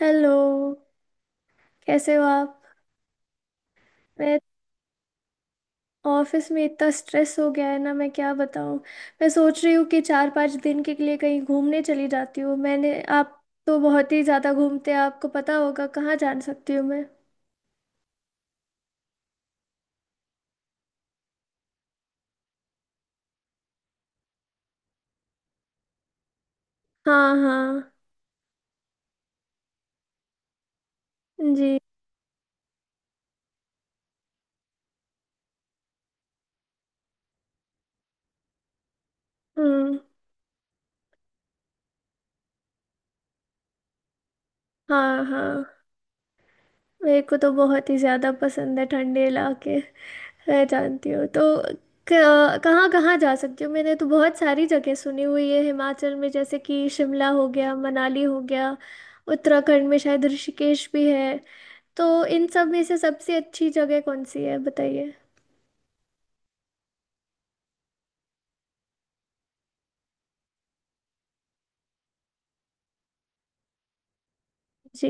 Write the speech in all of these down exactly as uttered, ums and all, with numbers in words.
Hello. कैसे हो आप। मैं ऑफिस में इतना स्ट्रेस हो गया है ना, मैं क्या बताऊं। मैं सोच रही हूँ कि चार पांच दिन के लिए कहीं घूमने चली जाती हूँ। मैंने आप तो बहुत ही ज़्यादा घूमते हैं, आपको पता होगा कहाँ जा सकती हूँ मैं। हाँ हाँ। जी। हम्म। हाँ हाँ। मेरे को तो बहुत ही ज़्यादा पसंद है ठंडे इलाके। मैं जानती हूँ, तो क- कहाँ कहाँ जा सकती हूँ। मैंने तो बहुत सारी जगह सुनी हुई है हिमाचल में, जैसे कि शिमला हो गया, मनाली हो गया, उत्तराखंड में शायद ऋषिकेश भी है। तो इन सब में से सबसे अच्छी जगह कौन सी है बताइए। जी।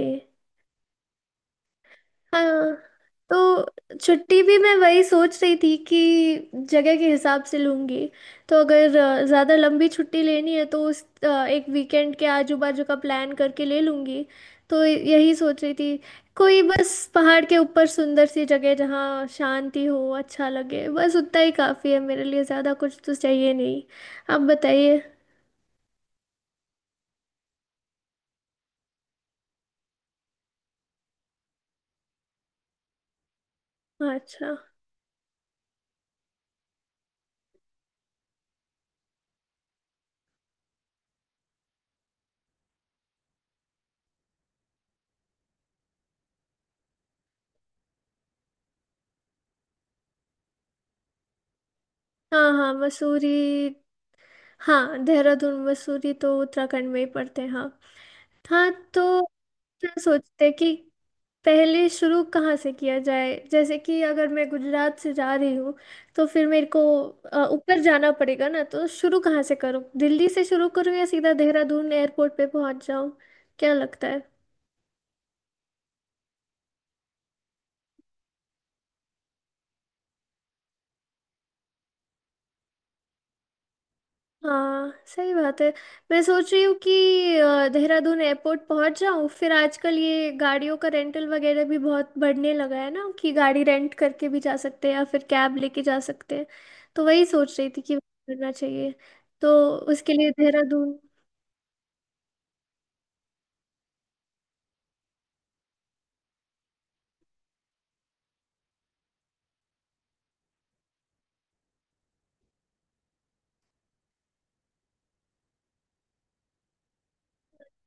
हाँ, तो छुट्टी भी मैं वही सोच रही थी कि जगह के हिसाब से लूँगी। तो अगर अ, ज़्यादा लंबी छुट्टी लेनी है तो उस अ, एक वीकेंड के आजू बाजू का प्लान करके ले लूँगी। तो यही सोच रही थी। कोई बस पहाड़ के ऊपर सुंदर सी जगह जहाँ शांति हो, अच्छा लगे, बस उतना ही काफ़ी है मेरे लिए, ज़्यादा कुछ तो चाहिए नहीं। आप बताइए। हाँ, अच्छा। हाँ हाँ मसूरी। हाँ, देहरादून मसूरी तो उत्तराखंड में ही पड़ते हैं। हाँ। हाँ, तो क्या सोचते हैं कि पहले शुरू कहाँ से किया जाए? जैसे कि अगर मैं गुजरात से जा रही हूँ तो फिर मेरे को अ, ऊपर जाना पड़ेगा ना, तो शुरू कहाँ से करूँ? दिल्ली से शुरू करूँ या सीधा देहरादून एयरपोर्ट पे पहुँच जाऊँ? क्या लगता है? हाँ सही बात है। मैं सोच रही हूँ कि अ, देहरादून एयरपोर्ट पहुंच जाऊँ, फिर आजकल ये गाड़ियों का रेंटल वगैरह भी बहुत बढ़ने लगा है ना कि गाड़ी रेंट करके भी जा सकते हैं या फिर कैब लेके जा सकते हैं। तो वही सोच रही थी कि करना चाहिए। तो उसके लिए देहरादून।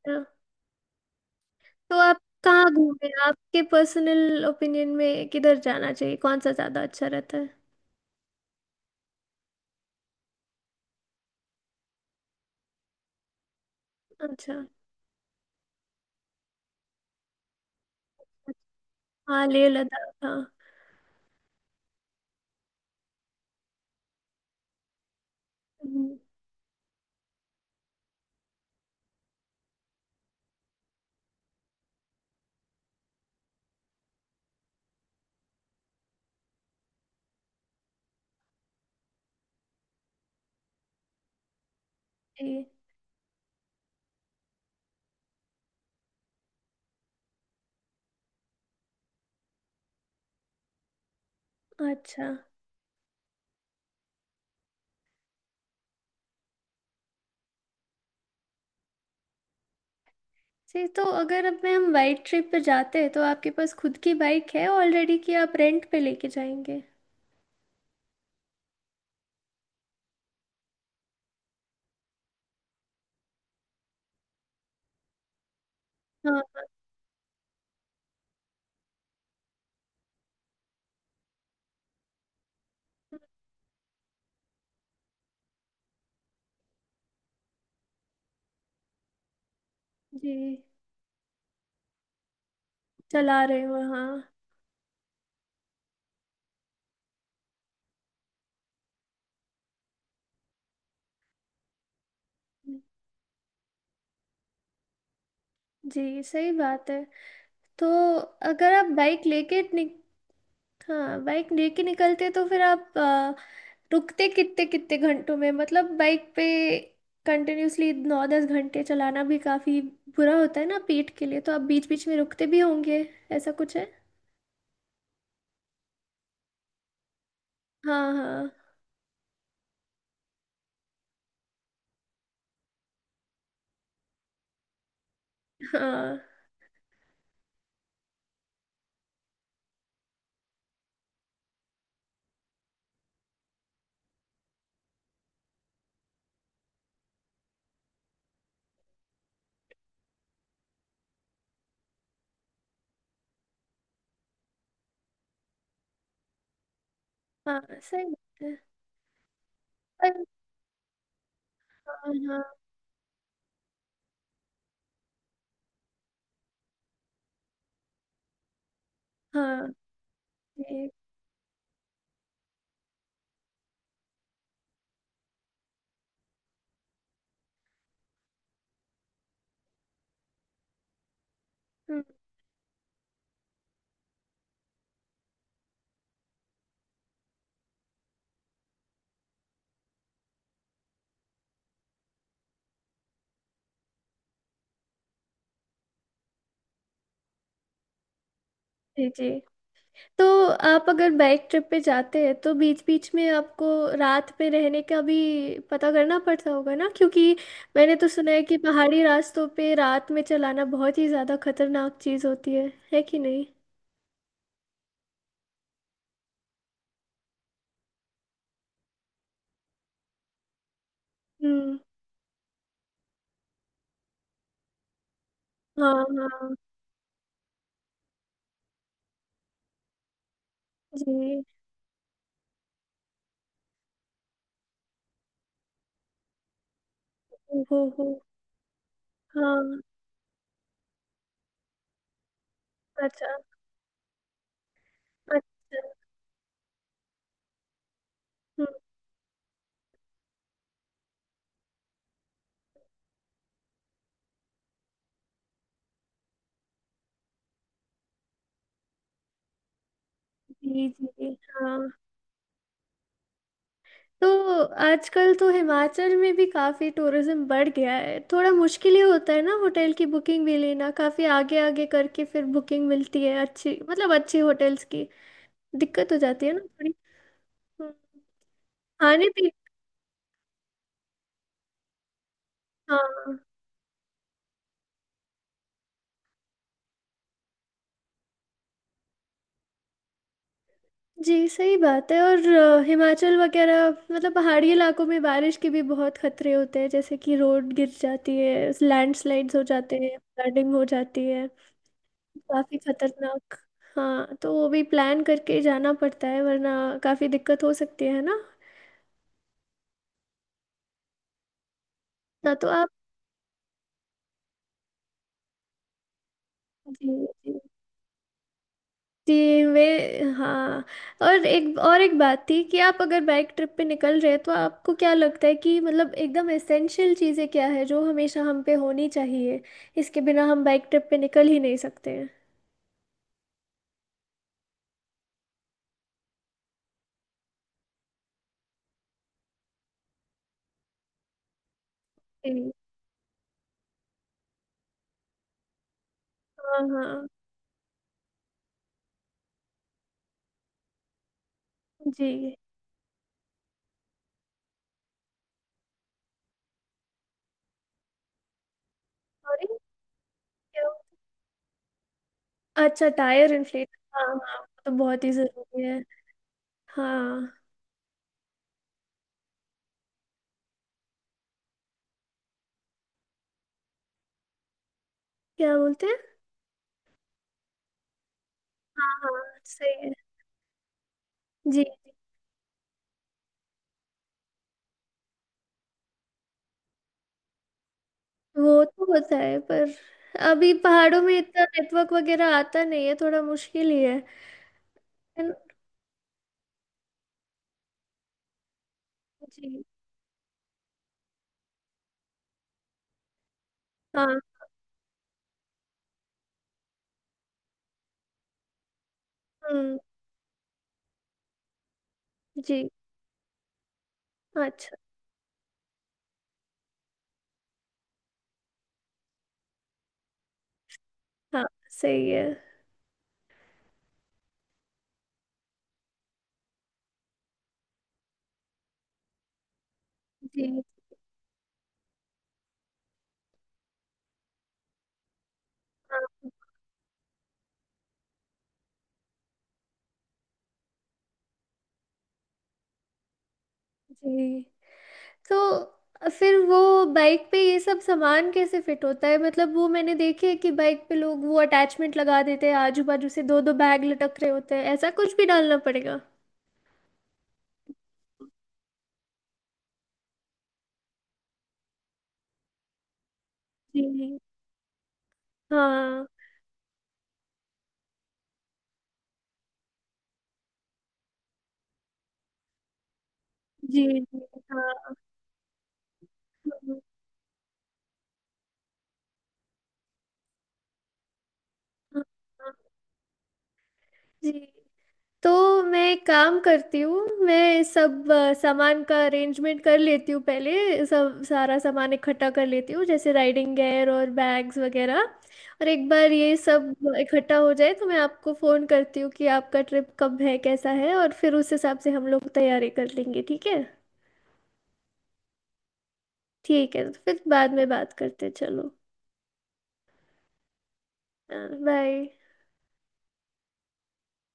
अ, तो आप कहाँ घूमे? आपके पर्सनल ओपिनियन में किधर जाना चाहिए, कौन सा ज़्यादा अच्छा रहता है? अच्छा। हाँ, लेह लद्दाख हाँ। हम्म। जी। अच्छा। जी, तो अगर अब मैं हम वाइड ट्रिप पे जाते हैं तो आपके पास खुद की बाइक है ऑलरेडी कि आप रेंट पे लेके जाएंगे? हाँ। जी। चला रहे हो हाँ। जी सही बात है। तो अगर आप बाइक लेके निक हाँ, बाइक लेके निकलते तो फिर आप अ, रुकते कितने कितने घंटों में? मतलब बाइक पे कंटिन्यूसली नौ दस घंटे चलाना भी काफी बुरा होता है ना पेट के लिए, तो आप बीच बीच में रुकते भी होंगे। ऐसा कुछ है? हाँ हाँ। हाँ हाँ सही बात है। हाँ हाँ। हाँ, जी। हम्म, जी जी। तो आप अगर बाइक ट्रिप पे जाते हैं तो बीच बीच में आपको रात में रहने का भी पता करना पड़ता होगा ना, क्योंकि मैंने तो सुना है कि पहाड़ी रास्तों पे रात में चलाना बहुत ही ज़्यादा खतरनाक चीज़ होती है। है कि नहीं? हम्म। हाँ हाँ। जी। हो हो। हाँ। अच्छा। अच्छा। हम्म, जी जी हाँ। तो आजकल तो हिमाचल में भी काफी टूरिज्म बढ़ गया है, थोड़ा मुश्किल ही होता है ना होटल की बुकिंग भी लेना, काफी आगे आगे करके फिर बुकिंग मिलती है अच्छी, मतलब अच्छी होटल्स की। दिक्कत हो जाती है ना थोड़ी। हम्म। खाने पीने। हाँ जी सही बात है। और अ, हिमाचल वगैरह मतलब पहाड़ी इलाकों में बारिश के भी बहुत खतरे होते हैं, जैसे कि रोड गिर जाती है, लैंडस्लाइड्स हो जाते हैं, फ्लडिंग हो जाती है, काफी खतरनाक। हाँ, तो वो भी प्लान करके जाना पड़ता है वरना काफी दिक्कत हो सकती है ना। ना तो आप। जी जी। जी, वे। हाँ और एक और एक बात थी कि आप अगर बाइक ट्रिप पे निकल रहे हैं तो आपको क्या लगता है कि मतलब एकदम एसेंशियल चीज़ें क्या है जो हमेशा हम पे होनी चाहिए, इसके बिना हम बाइक ट्रिप पे निकल ही नहीं सकते हैं। जी। हाँ हाँ। जी। सॉरी। क्या हुआ? अच्छा, टायर इन्फ्लेट। हाँ हाँ वो तो बहुत ही ज़रूरी है। हाँ। क्या बोलते हैं? हाँ हाँ। सही है। जी। वो तो होता है पर अभी पहाड़ों में इतना नेटवर्क वगैरह आता नहीं है, थोड़ा मुश्किल ही है। है ना? जी। हाँ। हम्म। जी। अच्छा। हाँ सही है। जी। हाँ। जी, तो फिर वो बाइक पे ये सब सामान कैसे फिट होता है? मतलब वो मैंने देखे है कि बाइक पे लोग वो अटैचमेंट लगा देते हैं, आजू बाजू से दो दो बैग लटक रहे होते हैं, ऐसा कुछ भी डालना पड़ेगा? जी। हाँ। जी जी। हाँ हाँ। हाँ। जी, तो मैं एक काम करती हूँ, मैं सब अ, सामान का अरेंजमेंट कर लेती हूँ पहले, सब सारा सामान इकट्ठा कर लेती हूँ जैसे राइडिंग गेयर और बैग्स वगैरह। और एक बार ये सब इकट्ठा हो जाए तो मैं आपको फ़ोन करती हूँ कि आपका ट्रिप कब है कैसा है, और फिर उस हिसाब से हम लोग तैयारी कर लेंगे। ठीक है? ठीक है, तो फिर बाद में बात करते हैं, चलो। बाय।